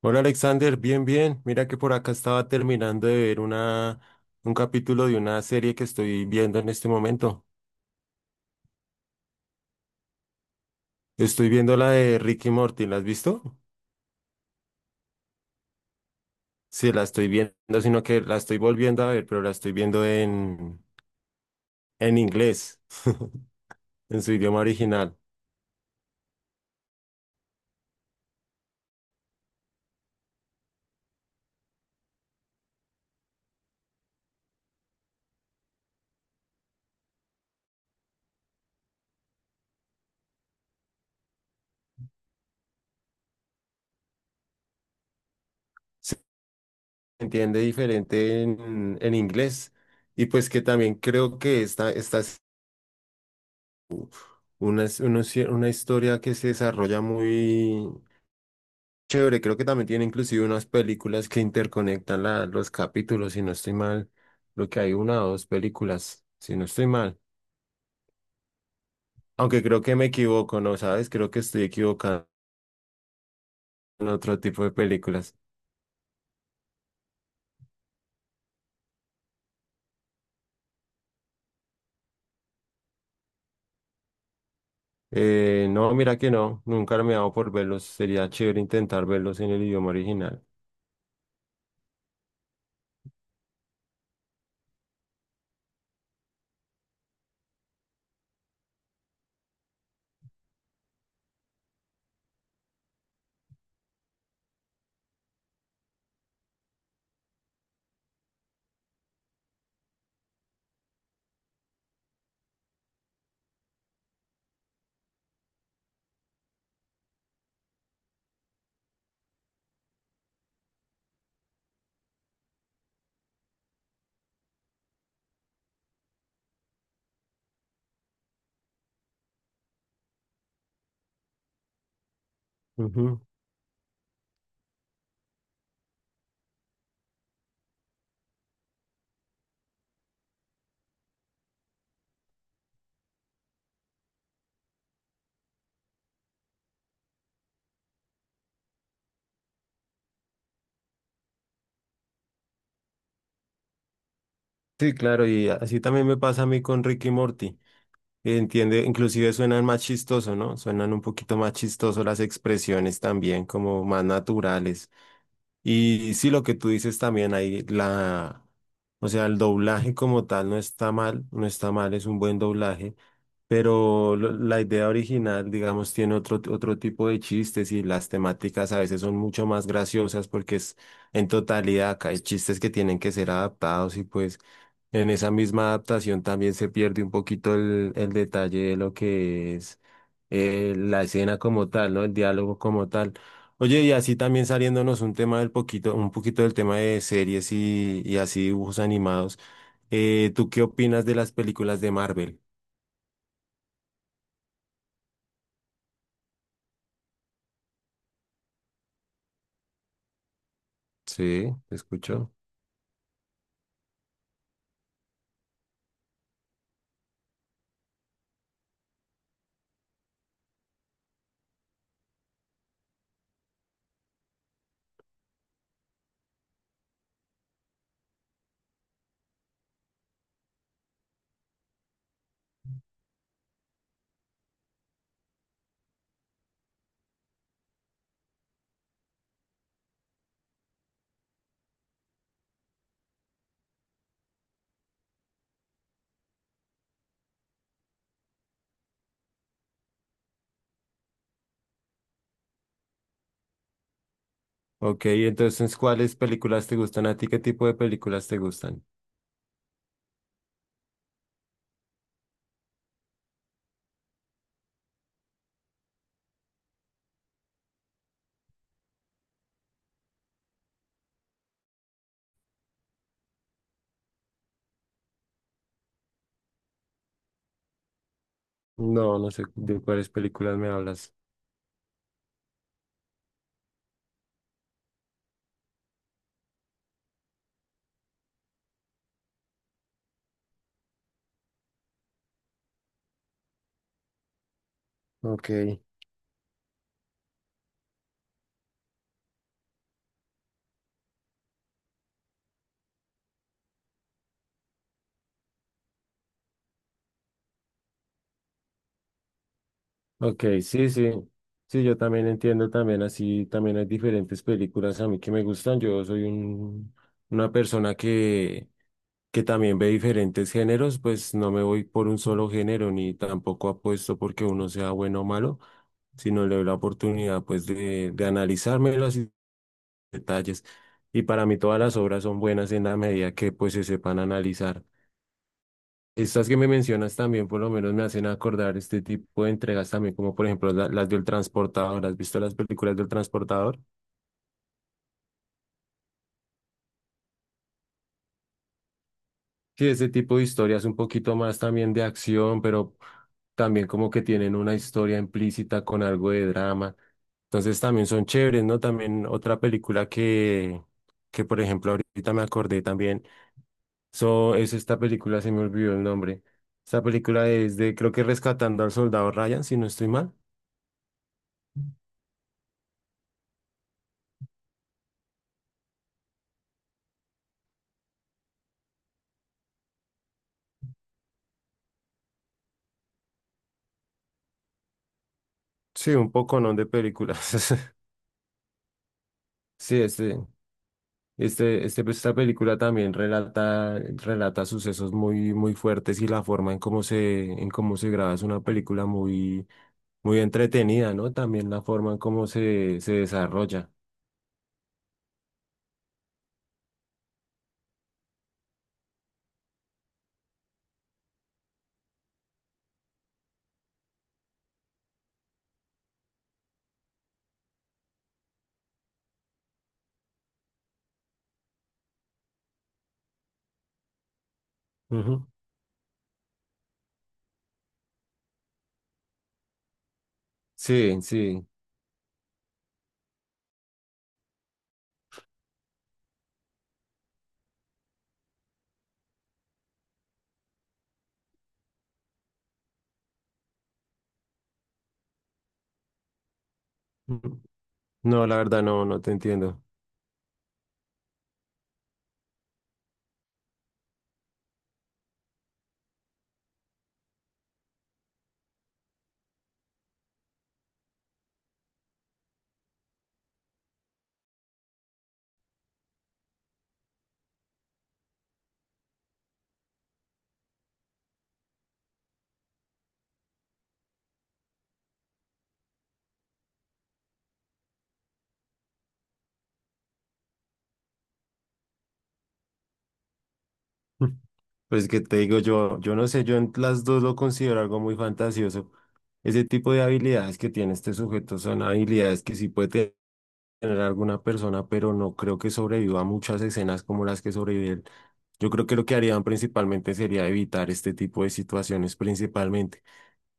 Hola Alexander, bien, bien. Mira que por acá estaba terminando de ver un capítulo de una serie que estoy viendo en este momento. Estoy viendo la de Ricky Morty, ¿la has visto? Sí, la estoy viendo, sino que la estoy volviendo a ver, pero la estoy viendo en inglés, en su idioma original. Se entiende diferente en inglés. Y pues que también creo que esta es una, es una, una historia que se desarrolla muy chévere. Creo que también tiene inclusive unas películas que interconectan los capítulos, si no estoy mal. Creo que hay una o dos películas, si no estoy mal. Aunque creo que me equivoco, ¿no? ¿Sabes? Creo que estoy equivocado en otro tipo de películas. No, mira que no. Nunca me he dado por verlos. Sería chévere intentar verlos en el idioma original. Ujú. Sí, claro, y así también me pasa a mí con Ricky y Morty. Entiende, inclusive suenan más chistosos, ¿no? Suenan un poquito más chistosos las expresiones también, como más naturales. Y sí, lo que tú dices también ahí, o sea, el doblaje como tal no está mal, no está mal, es un buen doblaje, pero la idea original, digamos, tiene otro tipo de chistes y las temáticas a veces son mucho más graciosas porque es en totalidad, acá hay chistes que tienen que ser adaptados y pues en esa misma adaptación también se pierde un poquito el detalle de lo que es la escena como tal, ¿no? El diálogo como tal. Oye, y así también saliéndonos un tema del poquito, un poquito del tema de series y así dibujos animados. ¿Tú qué opinas de las películas de Marvel? Sí, te escucho. Ok, entonces, ¿cuáles películas te gustan a ti? ¿Qué tipo de películas te gustan? No, no sé de cuáles películas me hablas. Ok, ok, sí, sí. Sí, yo también entiendo también así, también hay diferentes películas a mí que me gustan. Yo soy una persona que también ve diferentes géneros, pues no me voy por un solo género ni tampoco apuesto porque uno sea bueno o malo, sino le doy la oportunidad pues de analizarme los detalles. Y para mí todas las obras son buenas en la medida que pues se sepan analizar. Estas que me mencionas también por lo menos me hacen acordar este tipo de entregas también, como por ejemplo las del transportador. ¿Has visto las películas del transportador? Sí, ese tipo de historias un poquito más también de acción, pero también como que tienen una historia implícita con algo de drama. Entonces también son chéveres, ¿no? También otra película que por ejemplo ahorita me acordé también, so, es esta película, se me olvidó el nombre. Esta película es de, creo que Rescatando al Soldado Ryan, si no estoy mal. Sí, un poco, ¿no? De películas. Sí, este. Este, pues, esta película también relata, relata sucesos muy, muy fuertes y la forma en en cómo se graba es una película muy, muy entretenida, ¿no? También la forma en se desarrolla. Ujú. Sí, sí. Ujú. No, la verdad no, no te entiendo. Pues que te digo yo, yo no sé, yo en las dos lo considero algo muy fantasioso. Ese tipo de habilidades que tiene este sujeto son habilidades que sí puede tener a alguna persona, pero no creo que sobreviva a muchas escenas como las que sobrevive él. Yo creo que lo que harían principalmente sería evitar este tipo de situaciones principalmente.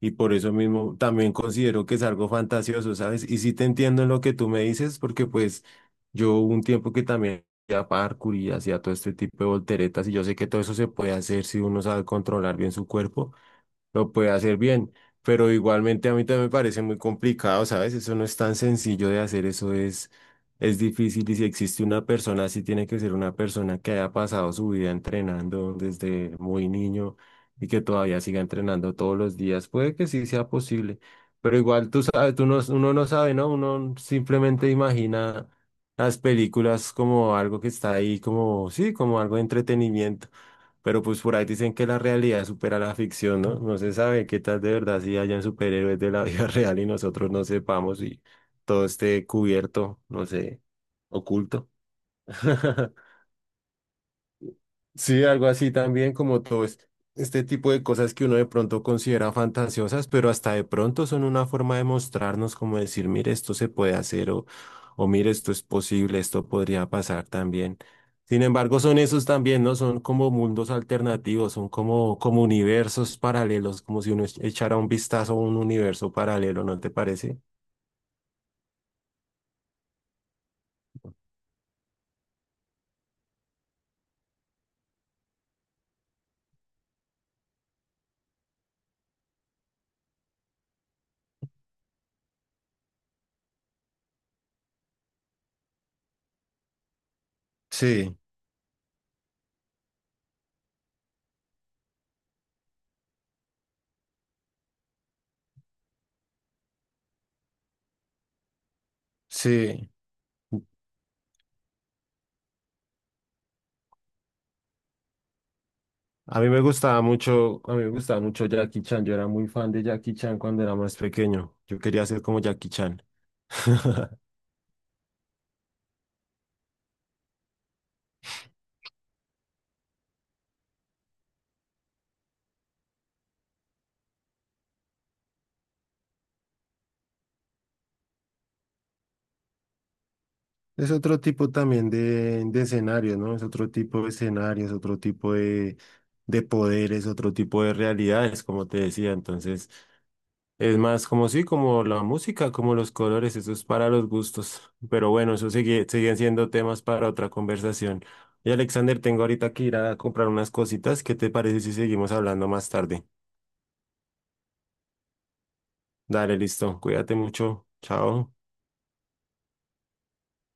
Y por eso mismo también considero que es algo fantasioso, ¿sabes? Y sí te entiendo en lo que tú me dices, porque pues yo hubo un tiempo que también hacía parkour y hacía todo este tipo de volteretas y yo sé que todo eso se puede hacer si uno sabe controlar bien su cuerpo, lo puede hacer bien, pero igualmente a mí también me parece muy complicado, ¿sabes? Eso no es tan sencillo de hacer, es difícil y si existe una persona, sí tiene que ser una persona que haya pasado su vida entrenando desde muy niño y que todavía siga entrenando todos los días. Puede que sí sea posible, pero igual tú sabes, tú no, uno no sabe, ¿no? Uno simplemente imagina las películas como algo que está ahí, como, sí, como algo de entretenimiento. Pero pues por ahí dicen que la realidad supera la ficción, ¿no? No se sabe qué tal de verdad si hayan superhéroes de la vida real y nosotros no sepamos y todo esté cubierto, no sé, oculto. Sí, algo así también como todo este tipo de cosas que uno de pronto considera fantasiosas, pero hasta de pronto son una forma de mostrarnos como decir, mire, esto se puede hacer o mire, esto es posible, esto podría pasar también. Sin embargo, son esos también, ¿no? Son como mundos alternativos, son como universos paralelos, como si uno echara un vistazo a un universo paralelo, ¿no te parece? Sí, sí. A mí me gustaba mucho, a mí me gustaba mucho Jackie Chan. Yo era muy fan de Jackie Chan cuando era más pequeño. Yo quería ser como Jackie Chan. Es otro tipo también de escenario, ¿no? Es otro tipo de escenario, es otro tipo de poderes, otro tipo de realidades, como te decía. Entonces, es más como sí, como la música, como los colores, eso es para los gustos. Pero bueno, eso sigue, siguen siendo temas para otra conversación. Y Alexander, tengo ahorita que ir a comprar unas cositas. ¿Qué te parece si seguimos hablando más tarde? Dale, listo. Cuídate mucho. Chao.